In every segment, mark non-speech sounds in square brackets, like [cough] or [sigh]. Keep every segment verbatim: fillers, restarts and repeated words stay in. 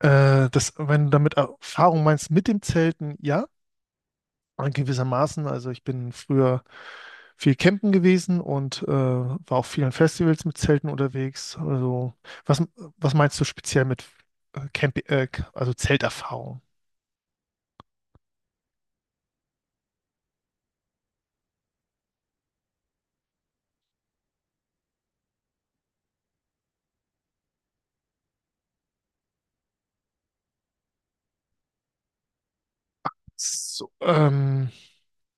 Äh, das, wenn du damit Erfahrung meinst mit dem Zelten, ja, äh, gewissermaßen. Also ich bin früher viel campen gewesen und äh, war auf vielen Festivals mit Zelten unterwegs. Also was, was meinst du speziell mit äh, Camp, äh, also Zelterfahrung? So, ähm,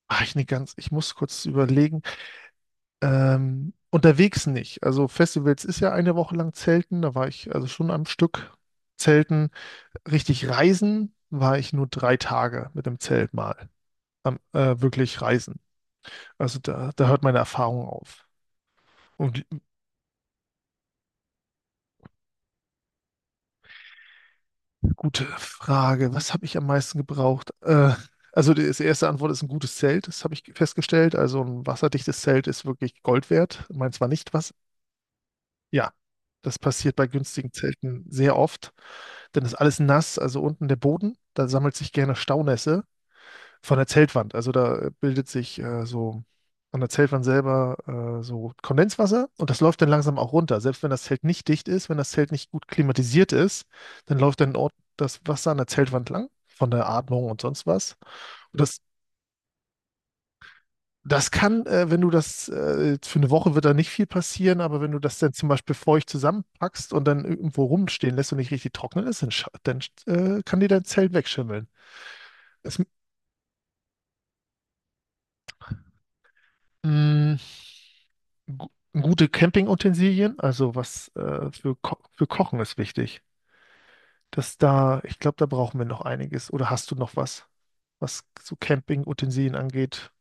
ach, ich, ne ganz, ich muss kurz überlegen. Ähm, unterwegs nicht. Also Festivals ist ja eine Woche lang Zelten, da war ich also schon am Stück Zelten. Richtig reisen war ich nur drei Tage mit dem Zelt mal. Am, äh, wirklich reisen. Also da, da hört meine Erfahrung auf. Und gute Frage, was habe ich am meisten gebraucht? Äh, also die die erste Antwort ist ein gutes Zelt, das habe ich festgestellt. Also ein wasserdichtes Zelt ist wirklich Gold wert. Meins war nicht was. Ja, das passiert bei günstigen Zelten sehr oft. Dann ist alles nass, also unten der Boden. Da sammelt sich gerne Staunässe von der Zeltwand. Also da bildet sich äh, so an der Zeltwand selber äh, so Kondenswasser und das läuft dann langsam auch runter. Selbst wenn das Zelt nicht dicht ist, wenn das Zelt nicht gut klimatisiert ist, dann läuft dann dort das Wasser an der Zeltwand lang von der Atmung und sonst was. Und das, das kann, äh, wenn du das, äh, für eine Woche wird da nicht viel passieren, aber wenn du das dann zum Beispiel feucht zusammenpackst und dann irgendwo rumstehen lässt und nicht richtig trocknen ist, dann, scha- dann äh, kann dir dein Zelt wegschimmeln. Es, mh, gu- Gute Campingutensilien, also was äh, für, Ko für Kochen ist wichtig. Das da, ich glaube, da brauchen wir noch einiges. Oder hast du noch was, was so Campingutensilien angeht?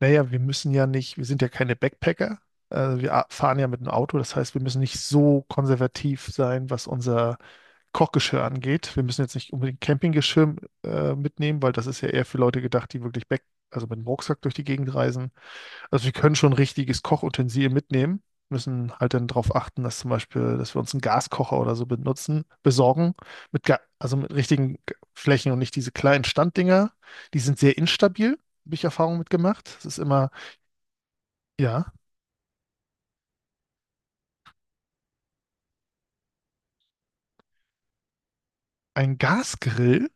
Naja, wir müssen ja nicht, wir sind ja keine Backpacker. Also wir a- fahren ja mit einem Auto, das heißt, wir müssen nicht so konservativ sein, was unser Kochgeschirr angeht. Wir müssen jetzt nicht unbedingt Campinggeschirr äh, mitnehmen, weil das ist ja eher für Leute gedacht, die wirklich back, also mit dem Rucksack durch die Gegend reisen. Also wir können schon richtiges Kochutensil mitnehmen, müssen halt dann darauf achten, dass zum Beispiel, dass wir uns einen Gaskocher oder so benutzen, besorgen, mit Ga also mit richtigen G- Flächen und nicht diese kleinen Standdinger. Die sind sehr instabil, habe ich Erfahrung mitgemacht. Es ist immer, ja, ein Gasgrill.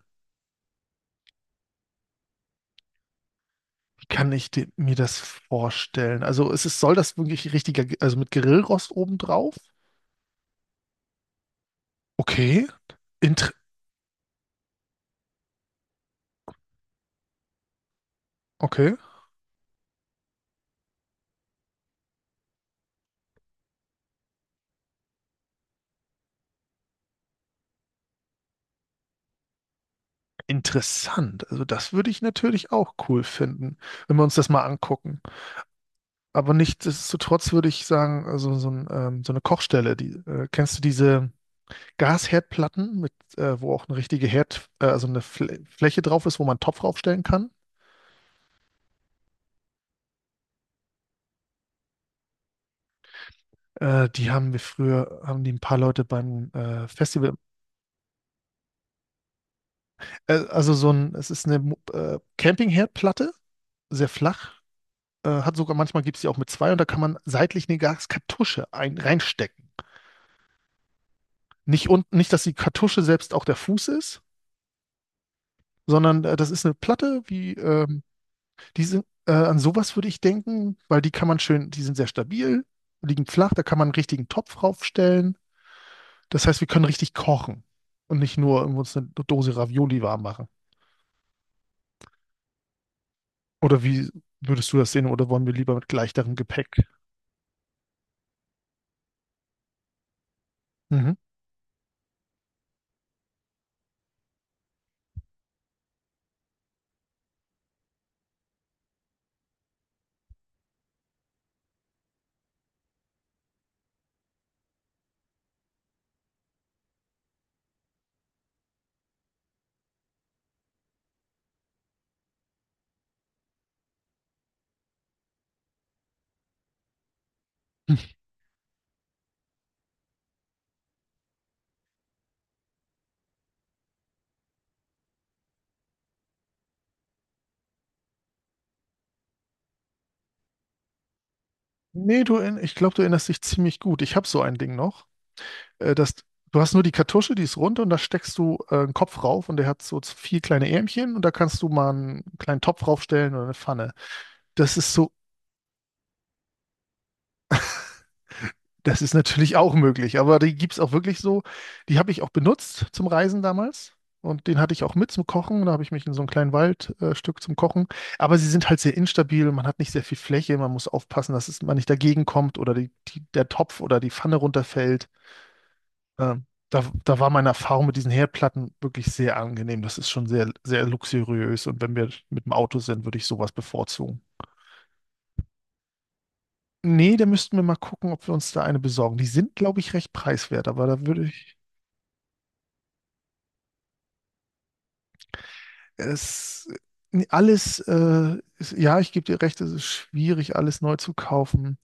Wie kann ich de- mir das vorstellen? Also es ist, soll das wirklich richtiger, G- also mit Grillrost obendrauf? Okay, Inter okay, interessant. Also das würde ich natürlich auch cool finden, wenn wir uns das mal angucken. Aber nichtsdestotrotz würde ich sagen, also so, ein, ähm, so eine Kochstelle, die, äh, kennst du diese Gasherdplatten, mit, äh, wo auch eine richtige Herd, äh, also eine Fl Fläche drauf ist, wo man einen Topf draufstellen kann? Äh, die haben wir früher, haben die ein paar Leute beim äh, Festival. Äh, also so ein, es ist eine Mo- äh, Campingherdplatte, sehr flach. Äh, hat sogar manchmal gibt es die auch mit zwei und da kann man seitlich eine Gaskartusche ein, reinstecken. Nicht unten, nicht, dass die Kartusche selbst auch der Fuß ist, sondern äh, das ist eine Platte wie ähm, Die äh, An sowas würde ich denken, weil die kann man schön, die sind sehr stabil, liegen flach, da kann man einen richtigen Topf raufstellen. Das heißt, wir können richtig kochen und nicht nur irgendwo uns eine Dose Ravioli warm machen. Oder wie würdest du das sehen? Oder wollen wir lieber mit leichterem Gepäck? Mhm. Nee, du, erinn- ich glaube, du erinnerst dich ziemlich gut. Ich habe so ein Ding noch. Äh, das, Du hast nur die Kartusche, die ist rund und da steckst du äh, einen Kopf rauf und der hat so z- vier kleine Ärmchen und da kannst du mal einen kleinen Topf raufstellen oder eine Pfanne. Das ist so Das ist natürlich auch möglich, aber die gibt es auch wirklich so. Die habe ich auch benutzt zum Reisen damals. Und den hatte ich auch mit zum Kochen. Da habe ich mich in so ein kleinen Waldstück äh, Stück zum Kochen. Aber sie sind halt sehr instabil. Man hat nicht sehr viel Fläche. Man muss aufpassen, dass es, man nicht dagegen kommt oder die, die, der Topf oder die Pfanne runterfällt. Ähm, da, Da war meine Erfahrung mit diesen Herdplatten wirklich sehr angenehm. Das ist schon sehr, sehr luxuriös. Und wenn wir mit dem Auto sind, würde ich sowas bevorzugen. Nee, da müssten wir mal gucken, ob wir uns da eine besorgen. Die sind, glaube ich, recht preiswert, aber da würde. Es, alles, äh, ist, ja, ich gebe dir recht, es ist schwierig, alles neu zu kaufen.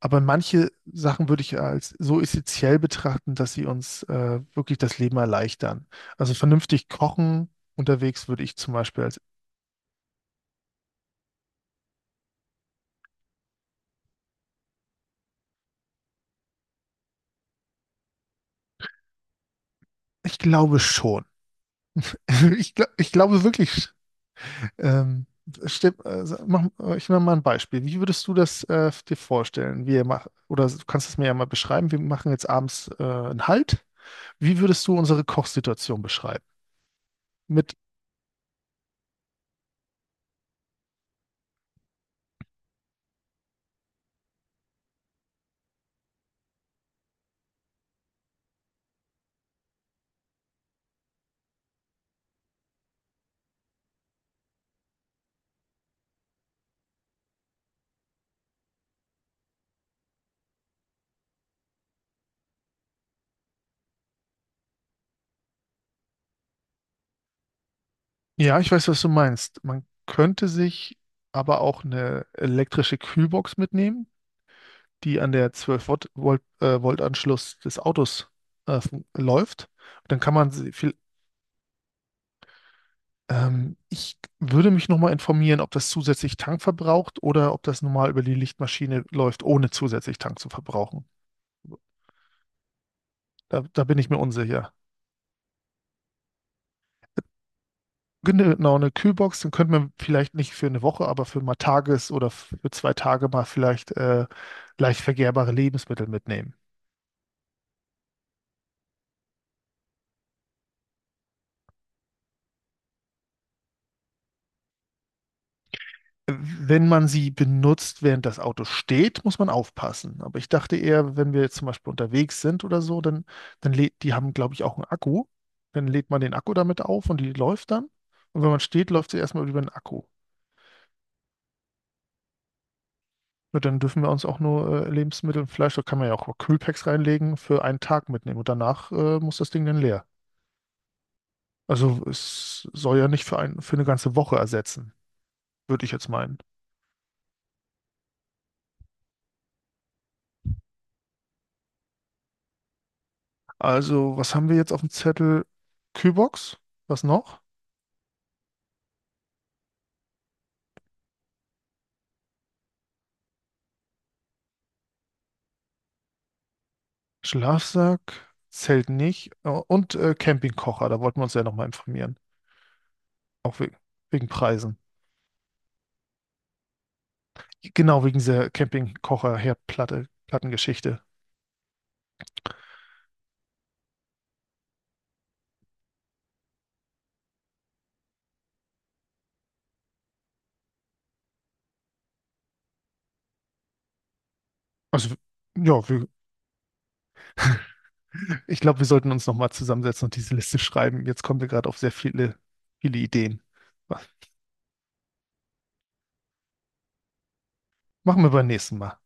Aber manche Sachen würde ich als so essentiell betrachten, dass sie uns äh, wirklich das Leben erleichtern. Also vernünftig kochen unterwegs würde ich zum Beispiel als. Ich glaube schon. [laughs] Ich, gla- ich glaube wirklich. sch- Ähm, Stepp, äh, mach, äh, ich mache mal ein Beispiel. Wie würdest du das äh, dir vorstellen? Wir mach, oder du kannst es mir ja mal beschreiben. Wir machen jetzt abends äh, einen Halt. Wie würdest du unsere Kochsituation beschreiben? Mit, ja, ich weiß, was du meinst. Man könnte sich aber auch eine elektrische Kühlbox mitnehmen, die an der zwölf Volt, Volt, äh, Volt-Anschluss des Autos äh, fun- läuft. Dann kann man sie viel. Ähm, ich würde mich nochmal informieren, ob das zusätzlich Tank verbraucht oder ob das normal über die Lichtmaschine läuft, ohne zusätzlich Tank zu verbrauchen. Da, da bin ich mir unsicher. Genau, genau, eine Kühlbox, dann könnte man vielleicht nicht für eine Woche, aber für mal Tages- oder für zwei Tage mal vielleicht äh, leicht vergärbare Lebensmittel mitnehmen. Wenn man sie benutzt, während das Auto steht, muss man aufpassen. Aber ich dachte eher, wenn wir jetzt zum Beispiel unterwegs sind oder so, dann, dann lädt, die haben, glaube ich, auch einen Akku. Dann lädt man den Akku damit auf und die läuft dann. Und wenn man steht, läuft sie erstmal über den Akku. Und dann dürfen wir uns auch nur äh, Lebensmittel und Fleisch, da kann man ja auch Kühlpacks reinlegen, für einen Tag mitnehmen. Und danach äh, muss das Ding dann leer. Also es soll ja nicht für ein, für eine ganze Woche ersetzen, würde ich jetzt meinen. Also, was haben wir jetzt auf dem Zettel? Kühlbox, was noch? Schlafsack, Zelt nicht äh, und äh, Campingkocher, da wollten wir uns ja nochmal informieren, auch we wegen Preisen. Genau, wegen dieser Campingkocher-Herdplatte, Plattengeschichte. Also, ja, wir, ich glaube, wir sollten uns nochmal zusammensetzen und diese Liste schreiben. Jetzt kommen wir gerade auf sehr viele, viele Ideen. Machen wir beim nächsten Mal.